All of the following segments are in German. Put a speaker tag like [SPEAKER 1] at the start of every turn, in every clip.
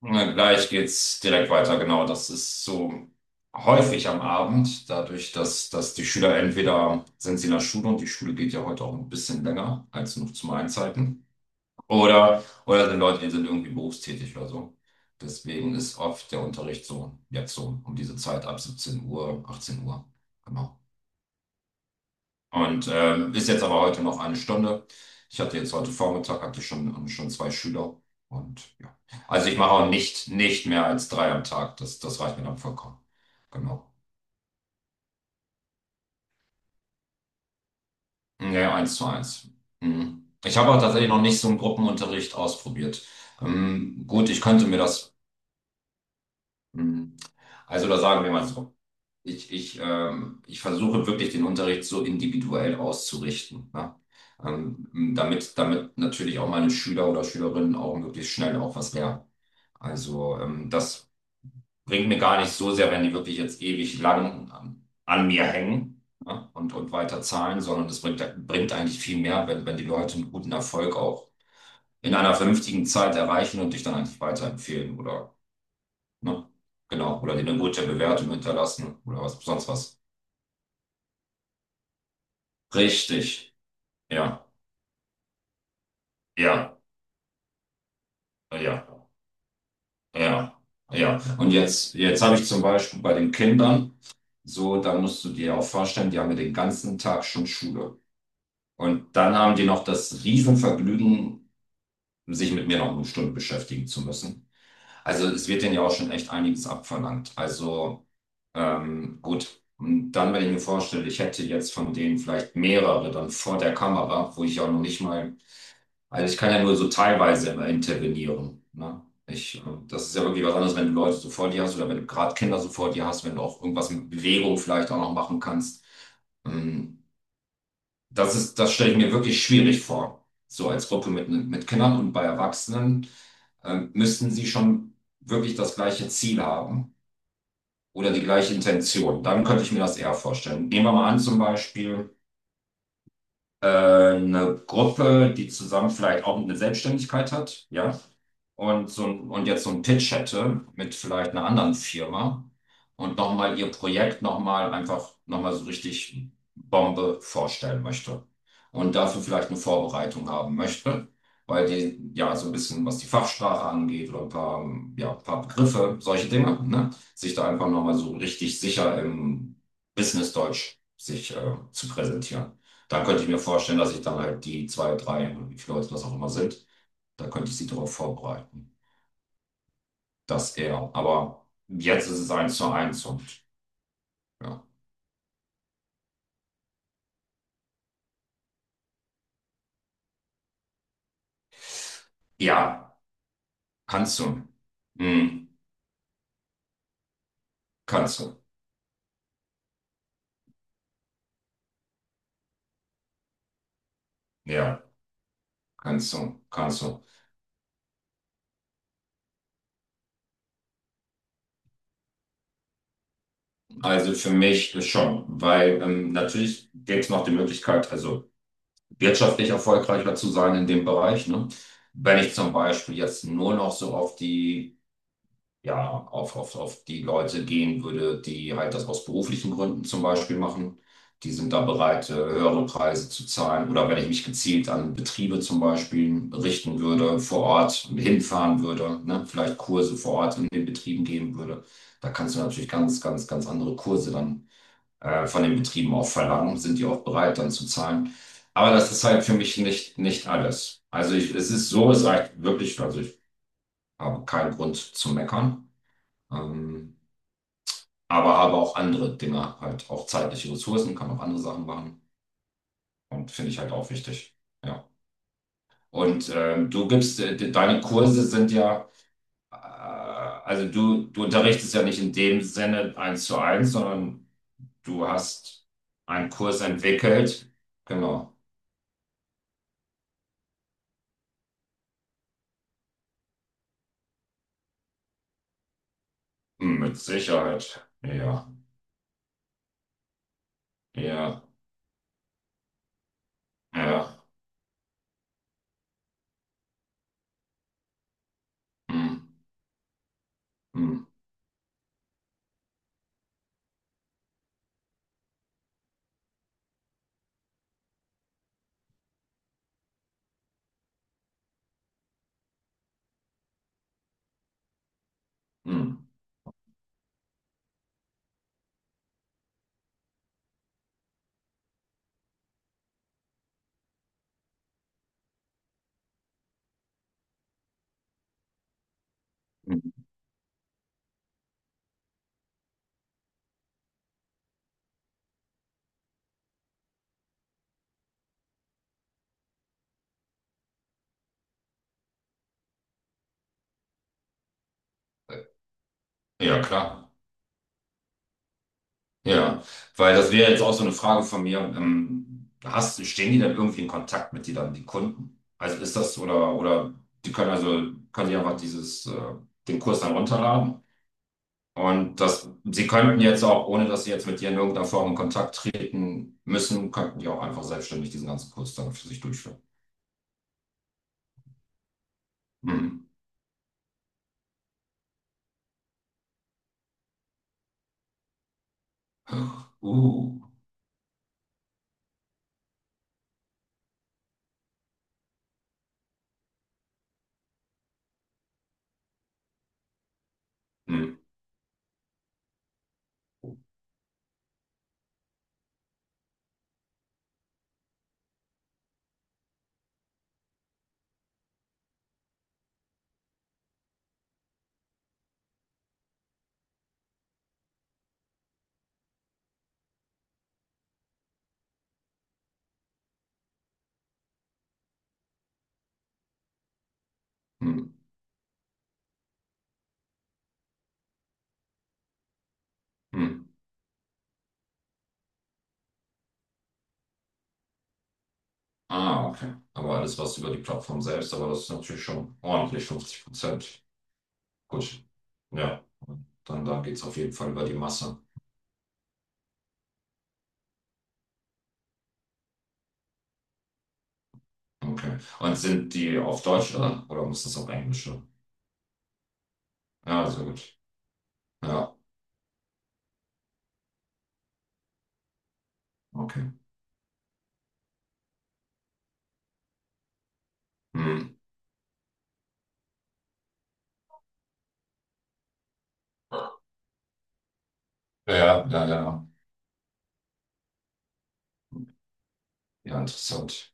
[SPEAKER 1] Na, gleich geht's direkt weiter, genau. Das ist so häufig am Abend, dadurch, dass die Schüler entweder sind sie in der Schule und die Schule geht ja heute auch ein bisschen länger als nur zum Einzeiten. Oder sind Leute, die sind irgendwie berufstätig oder so. Deswegen ist oft der Unterricht so jetzt so um diese Zeit ab 17 Uhr, 18 Uhr. Genau. Und ist jetzt aber heute noch eine Stunde. Ich hatte jetzt heute Vormittag, hatte schon zwei Schüler. Und ja. Also ich mache auch nicht mehr als drei am Tag. Das reicht mir dann vollkommen. Genau. Ja, eins zu eins. Mhm. Ich habe auch tatsächlich noch nicht so einen Gruppenunterricht ausprobiert. Gut, ich könnte mir das, mh, also da sagen wir mal so. Ich versuche wirklich den Unterricht so individuell auszurichten, ne? Ähm, damit natürlich auch meine Schüler oder Schülerinnen auch möglichst schnell auch was lernen. Also das bringt mir gar nicht so sehr, wenn die wirklich jetzt ewig lang an mir hängen, ne? Und weiter zahlen, sondern es bringt eigentlich viel mehr, wenn, wenn die Leute einen guten Erfolg auch in einer vernünftigen Zeit erreichen und dich dann eigentlich weiterempfehlen oder, ne? Genau, oder dir eine gute Bewertung hinterlassen oder was, sonst was. Richtig. Ja, ja, ja, ja, ja. Und jetzt habe ich zum Beispiel bei den Kindern, so, da musst du dir auch vorstellen, die haben ja den ganzen Tag schon Schule. Und dann haben die noch das Riesenvergnügen, sich mit mir noch eine Stunde beschäftigen zu müssen. Also es wird denen ja auch schon echt einiges abverlangt. Also gut. Und dann, wenn ich mir vorstelle, ich hätte jetzt von denen vielleicht mehrere dann vor der Kamera, wo ich auch noch nicht mal. Also ich kann ja nur so teilweise immer intervenieren. Ne? Ich, äh, das ist ja wirklich was anderes, wenn du Leute so vor dir hast oder wenn du gerade Kinder so vor dir hast, wenn du auch irgendwas mit Bewegung vielleicht auch noch machen kannst. Ähm, Das ist, das stelle ich mir wirklich schwierig vor. So als Gruppe mit Kindern und bei Erwachsenen müssten sie schon wirklich das gleiche Ziel haben oder die gleiche Intention. Dann könnte ich mir das eher vorstellen. Nehmen wir mal an, zum Beispiel, eine Gruppe, die zusammen vielleicht auch eine Selbstständigkeit hat, ja, und, so ein, und jetzt so einen Pitch hätte mit vielleicht einer anderen Firma und nochmal ihr Projekt nochmal einfach nochmal so richtig Bombe vorstellen möchte und dafür vielleicht eine Vorbereitung haben möchte, weil die ja so ein bisschen, was die Fachsprache angeht oder ein paar, ja, ein paar Begriffe, solche Dinge, ne, sich da einfach nochmal so richtig sicher im Business-Deutsch sich zu präsentieren. Da könnte ich mir vorstellen, dass ich dann halt die zwei, drei, oder wie viele Leute das auch immer sind, da könnte ich sie darauf vorbereiten. Das eher. Aber jetzt ist es eins zu eins und ja. Ja, kannst du. Hm, kannst du. Ja, kannst du. Kannst du. Also für mich ist schon, weil natürlich gibt es noch die Möglichkeit, also wirtschaftlich erfolgreicher zu sein in dem Bereich. Ne? Wenn ich zum Beispiel jetzt nur noch so auf die ja, auf die Leute gehen würde, die halt das aus beruflichen Gründen zum Beispiel machen. Die sind da bereit, höhere Preise zu zahlen. Oder wenn ich mich gezielt an Betriebe zum Beispiel richten würde, vor Ort hinfahren würde, ne? Vielleicht Kurse vor Ort in den Betrieben geben würde. Da kannst du natürlich ganz, ganz, ganz andere Kurse dann von den Betrieben auch verlangen. Sind die auch bereit, dann zu zahlen? Aber das ist halt für mich nicht alles. Also ich, es ist so, es reicht wirklich, also ich habe keinen Grund zu meckern. Ähm, aber habe auch andere Dinge, halt auch zeitliche Ressourcen, kann auch andere Sachen machen und finde ich halt auch wichtig. Ja. Und deine Kurse sind ja, also du unterrichtest ja nicht in dem Sinne eins zu eins, sondern du hast einen Kurs entwickelt. Genau. Hm, mit Sicherheit. Ja, ja, ja. Hm, hm, hm, hm. äh, Ja, klar. Ja, weil das wäre jetzt auch so eine Frage von mir. Hast, stehen die dann irgendwie in Kontakt mit dir dann, die Kunden? Also ist das oder die können also können die einfach dieses den Kurs dann runterladen und das sie könnten jetzt auch ohne dass sie jetzt mit dir in irgendeiner Form in Kontakt treten müssen, könnten die auch einfach selbstständig diesen ganzen Kurs dann für sich durchführen. Mhm. Uh. Mhm. Mhm. Mhm. Ah, okay. Aber alles was über die Plattform selbst, aber das ist natürlich schon ordentlich 50%. Gut. Ja, dann da geht es auf jeden Fall über die Masse. Okay. Und sind die auf Deutsch oder muss das auf Englisch sein? Ja, sehr gut. Ja, okay. Hm. Ja, ja, ja. Ja, ja, interessant.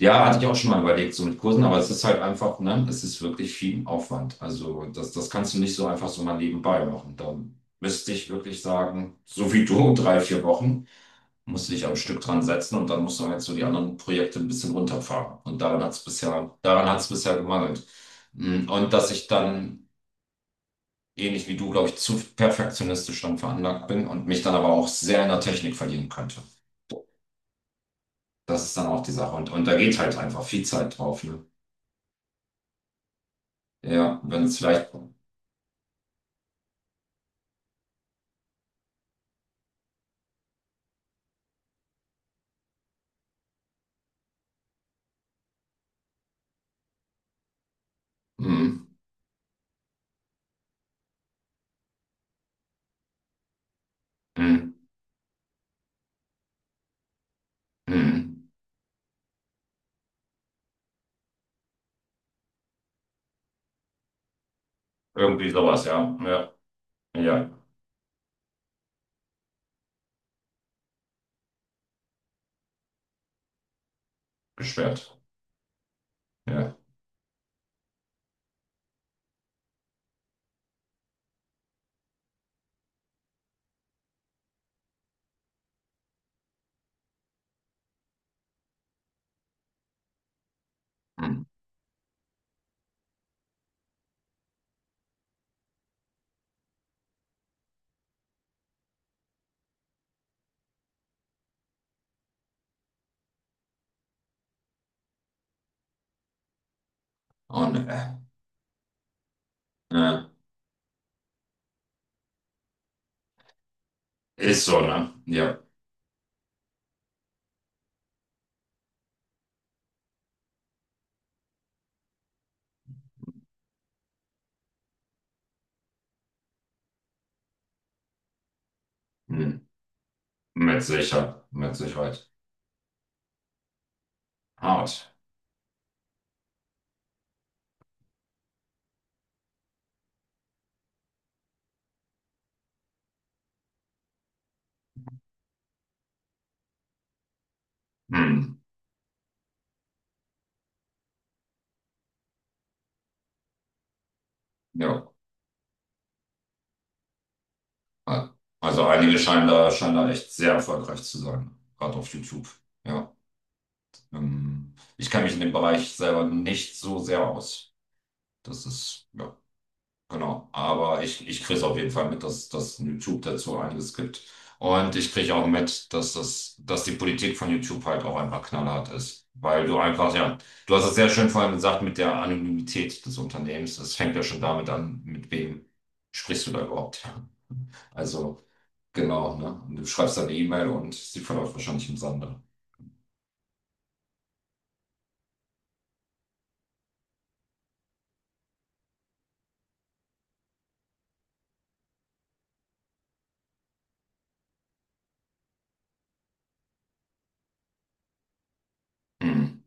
[SPEAKER 1] Ja, hatte ich auch schon mal überlegt, so mit Kursen, aber es ist halt einfach, ne, es ist wirklich viel Aufwand. Also das kannst du nicht so einfach so mal nebenbei machen. Da müsste ich wirklich sagen, so wie du, 3, 4 Wochen musst du dich am Stück dran setzen und dann musst du halt so die anderen Projekte ein bisschen runterfahren. Und daran hat es bisher gemangelt. Mm, und dass ich dann, ähnlich wie du, glaube ich, zu perfektionistisch dann veranlagt bin und mich dann aber auch sehr in der Technik verlieren könnte. Das ist dann auch die Sache. Und da geht halt einfach viel Zeit drauf, ne? Ja, wenn es vielleicht. Mm, mm, mm. Irgendwie sowas, ja. Ja, ja, beschwert. Ja. Mm. Und äh, ist so, ne? Ja. Mm. Mit Sicherheit. Hart. Hm. Ja. Also einige scheinen da echt sehr erfolgreich zu sein, gerade auf YouTube. Ja. Ich kenne mich in dem Bereich selber nicht so sehr aus. Das ist, ja. Genau, aber ich kriege es auf jeden Fall mit, dass dass YouTube dazu einiges gibt. Und ich kriege auch mit, dass die Politik von YouTube halt auch einfach knallhart ist. Weil du einfach, ja, du hast es sehr schön vorhin gesagt mit der Anonymität des Unternehmens. Es fängt ja schon damit an, mit wem sprichst du da überhaupt? Ja. Also, genau, ne? Und du schreibst dann eine E-Mail und sie verläuft wahrscheinlich im Sande. Mhm.